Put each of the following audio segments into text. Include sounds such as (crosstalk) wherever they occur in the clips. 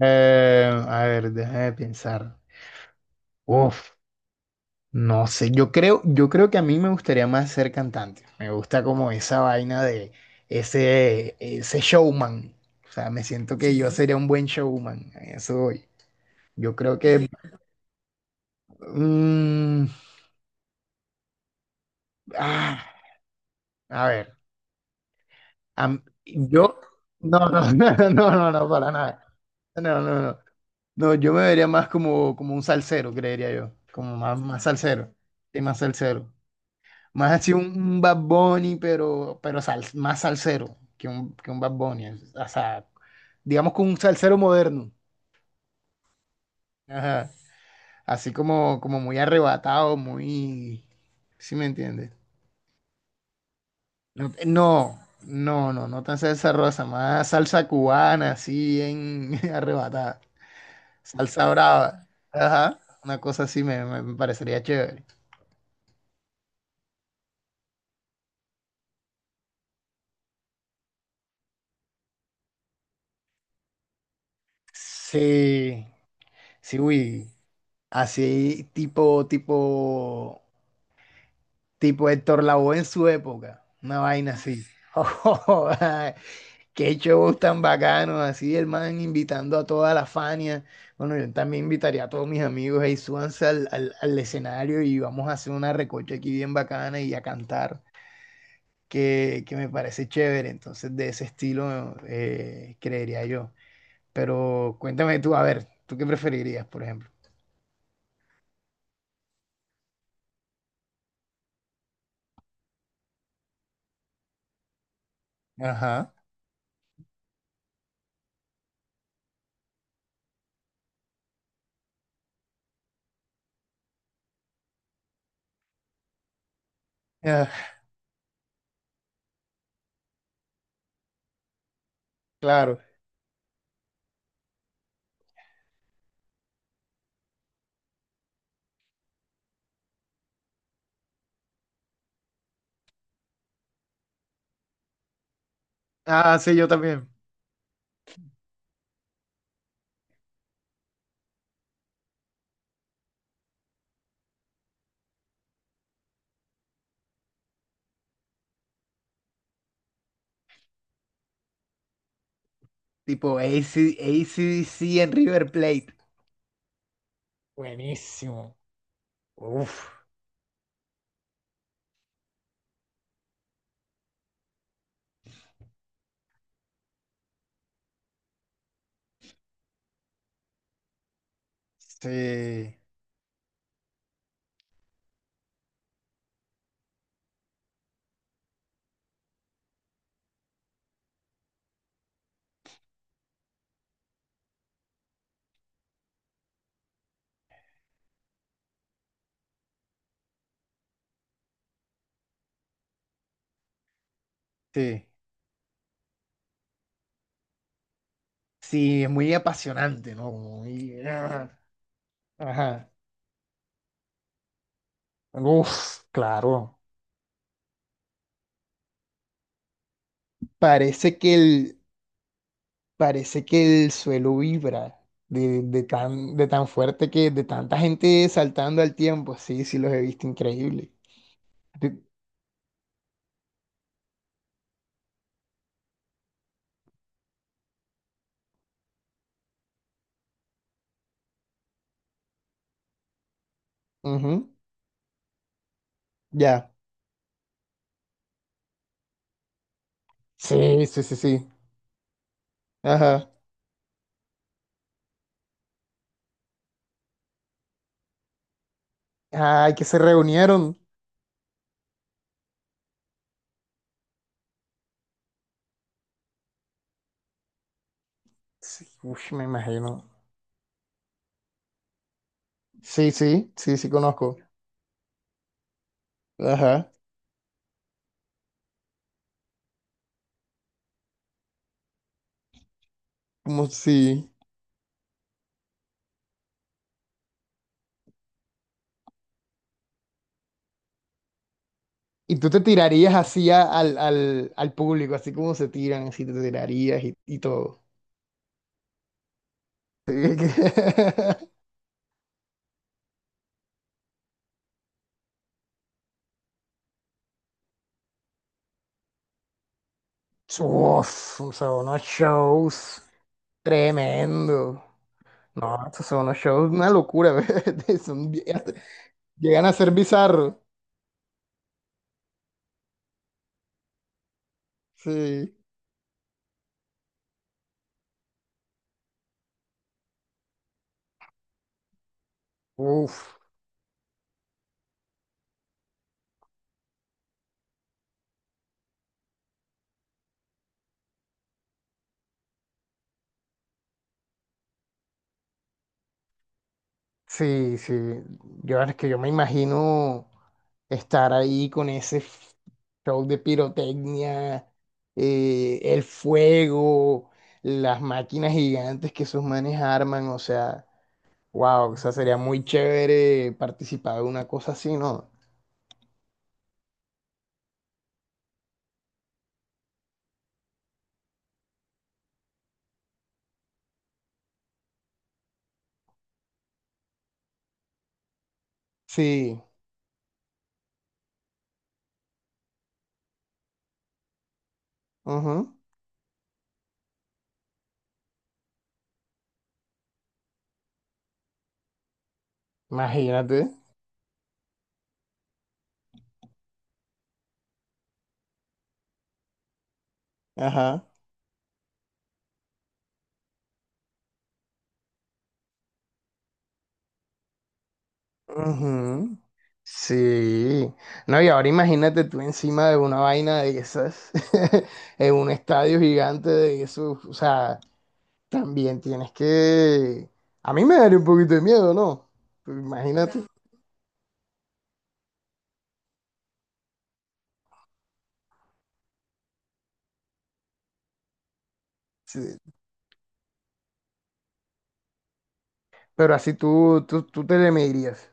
A ver, déjame pensar. Uf, no sé. Yo creo que a mí me gustaría más ser cantante. Me gusta como esa vaina de ese showman. O sea, me siento que yo, sí, sería un buen showman. A eso voy. Yo creo que. mm, ah, a ver. Yo. No, no, (laughs) no, no, no, no, para nada. No, no, no. No, yo me vería más como, un salsero, creería yo. Como más salsero. Sí, más salsero. Más así un, Bad Bunny, pero más salsero que un Bad Bunny. O sea, digamos que un salsero moderno. Ajá. Así como muy arrebatado, muy. ¿Sí me entiendes? No, no, no, no, no tan salsa rosa, más salsa cubana, así en (laughs) arrebatada. Salsa brava. Ajá. Una cosa así me parecería chévere. Sí, sí, uy. Así tipo Héctor Lavoe en su época, una vaina así. (laughs) Qué shows tan bacanos, así el man invitando a toda la Fania. Bueno, yo también invitaría a todos mis amigos, ahí súbanse al escenario y vamos a hacer una recocha aquí bien bacana y a cantar, que me parece chévere. Entonces, de ese estilo, creería yo. Pero cuéntame tú, a ver, ¿tú qué preferirías, por ejemplo? Ajá. Ah, claro. Ah, sí, yo también. Tipo AC/DC en River Plate. Buenísimo. Uf, sí, sí. Sí, es muy apasionante, ¿no? Ajá. Uf, claro. Parece que el, parece que el suelo vibra de tan fuerte de tanta gente saltando al tiempo. Sí, sí, los he visto increíble. De- Ujú. Ya. Sí, sí, sí, sí. Ajá. Ay, que se reunieron. Sí, uf, me imagino. Sí, sí, sí, sí conozco. Ajá, como si. Y tú te tirarías así al público, así como se tiran, así te tirarías y todo. (laughs) Uf, o sea, unos shows tremendo. No, estos son unos shows, una locura, (laughs) ¿verdad? Llegan a ser bizarros. Sí. Uf. Sí, sí. Yo es que yo me imagino estar ahí con ese show de pirotecnia, el fuego, las máquinas gigantes que esos manes arman, o sea, wow, o sea, sería muy chévere participar de una cosa así, ¿no? Sí, ujú, imagínate. Ajá. Ujú. Sí, no, y ahora imagínate tú encima de una vaina de esas, (laughs) en un estadio gigante de eso, o sea, también tienes que. A mí me daría un poquito de miedo, ¿no? Pues imagínate, claro, sí. Pero así tú te le medirías,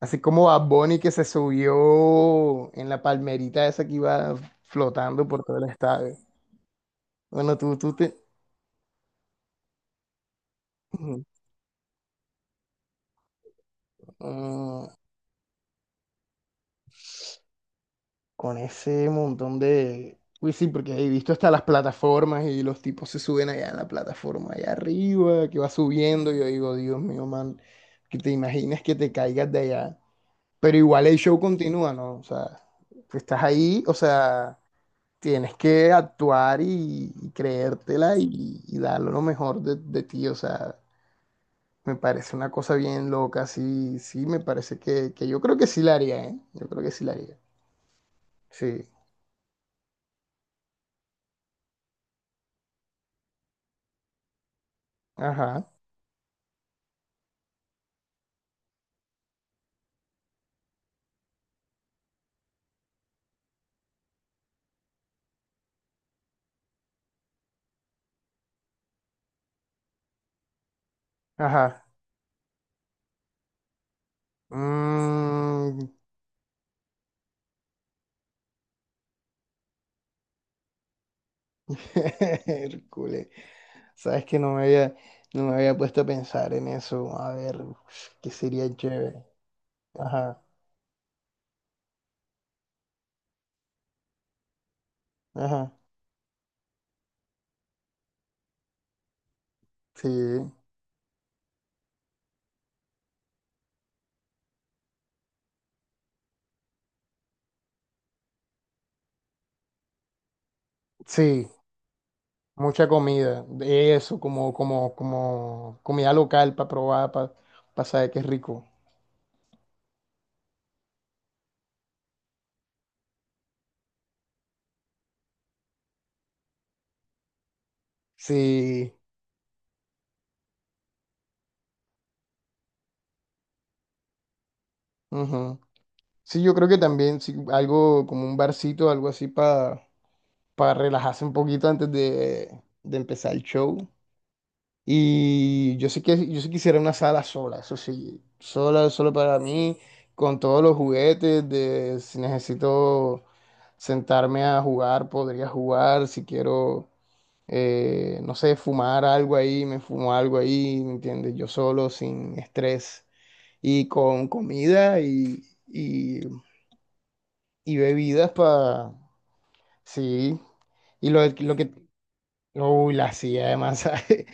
así como Bad Bunny que se subió en la palmerita esa que iba flotando por todo el estadio. Bueno, tú te. Ujú. Con ese montón de. Uy, sí, porque he visto hasta las plataformas y los tipos se suben allá en la plataforma, allá arriba, que va subiendo. Yo digo, Dios mío, man, que te imaginas que te caigas de allá. Pero igual el show continúa, ¿no? O sea, tú estás ahí, o sea, tienes que actuar y creértela y dar lo mejor de ti. O sea, me parece una cosa bien loca, sí, sí, me parece que yo creo que sí la haría, ¿eh? Yo creo que sí la haría. Sí, ajá, ajá. Mm, (laughs) Hércules. Sabes que no me había puesto a pensar en eso. A ver, qué sería chévere. Ajá, ajá. Sí, sí, mucha comida. De eso, como comida local para probar, para saber que es rico. Sí, ujú. Sí, yo creo que también sí, algo como un barcito, algo así para relajarse un poquito antes de empezar el show. Y yo sí quisiera una sala sola, eso sí, sola, solo para mí, con todos los juguetes de si necesito sentarme a jugar, podría jugar, si quiero, no sé, fumar algo ahí, me fumo algo ahí, ¿me entiendes? Yo solo, sin estrés, y con comida y, y bebidas para, sí, y lo que, uy, la silla de masaje.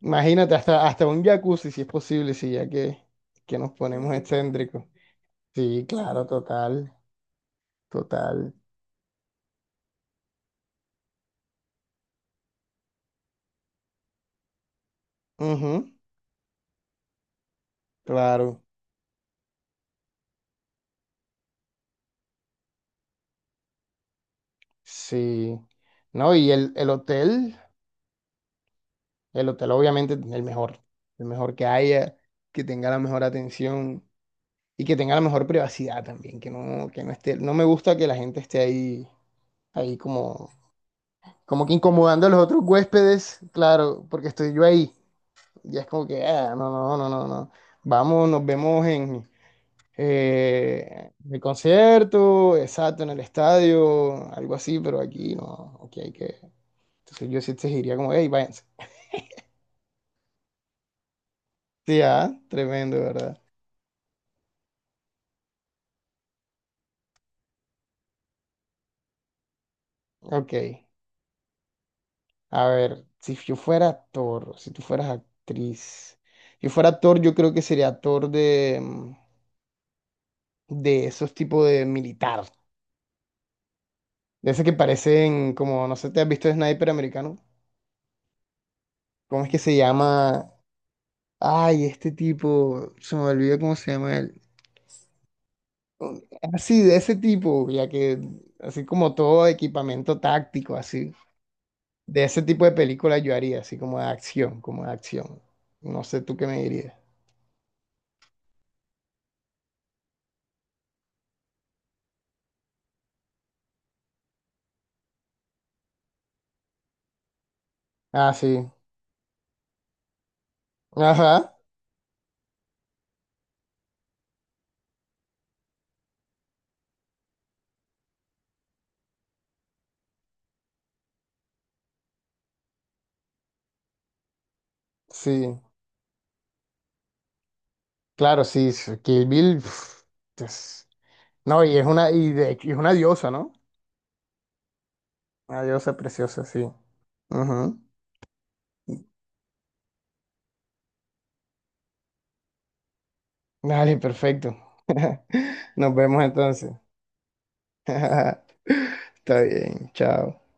Imagínate, hasta un jacuzzi, si es posible, si ya que nos ponemos, uy, excéntricos. Sí, claro, total, total. Ujú, claro, sí. No, y el hotel obviamente el mejor que haya, que tenga la mejor atención y que tenga la mejor privacidad también, que no esté, no me gusta que la gente esté ahí, ahí como que incomodando a los otros huéspedes, claro, porque estoy yo ahí. Y es como que, ah, no, no, no, no, no. Vamos, nos vemos en el concierto, exacto, en el estadio, algo así, pero aquí no, aquí hay que. Entonces yo sí exigiría como, hey, váyanse. Sí, ah, tremendo, ¿verdad? Ok, a ver, si yo fuera actor, si tú fueras actriz, si yo fuera actor, yo creo que sería actor de, de esos tipos de militar, de esos que parecen como, no sé, ¿te has visto Sniper americano? ¿Cómo es que se llama? Ay, este tipo, se me olvidó cómo se llama él. Así, de ese tipo, ya que. Así como todo equipamiento táctico, así. De ese tipo de película yo haría, así como de acción, como de acción. No sé tú qué me dirías. Ah, sí. Ajá, sí. Claro, sí, sí, Kill Bill. Es- No, y de hecho, y es una diosa, ¿no? Una diosa preciosa, sí. Ujú. Dale, perfecto. (laughs) Nos vemos entonces. (laughs) Está bien, chao.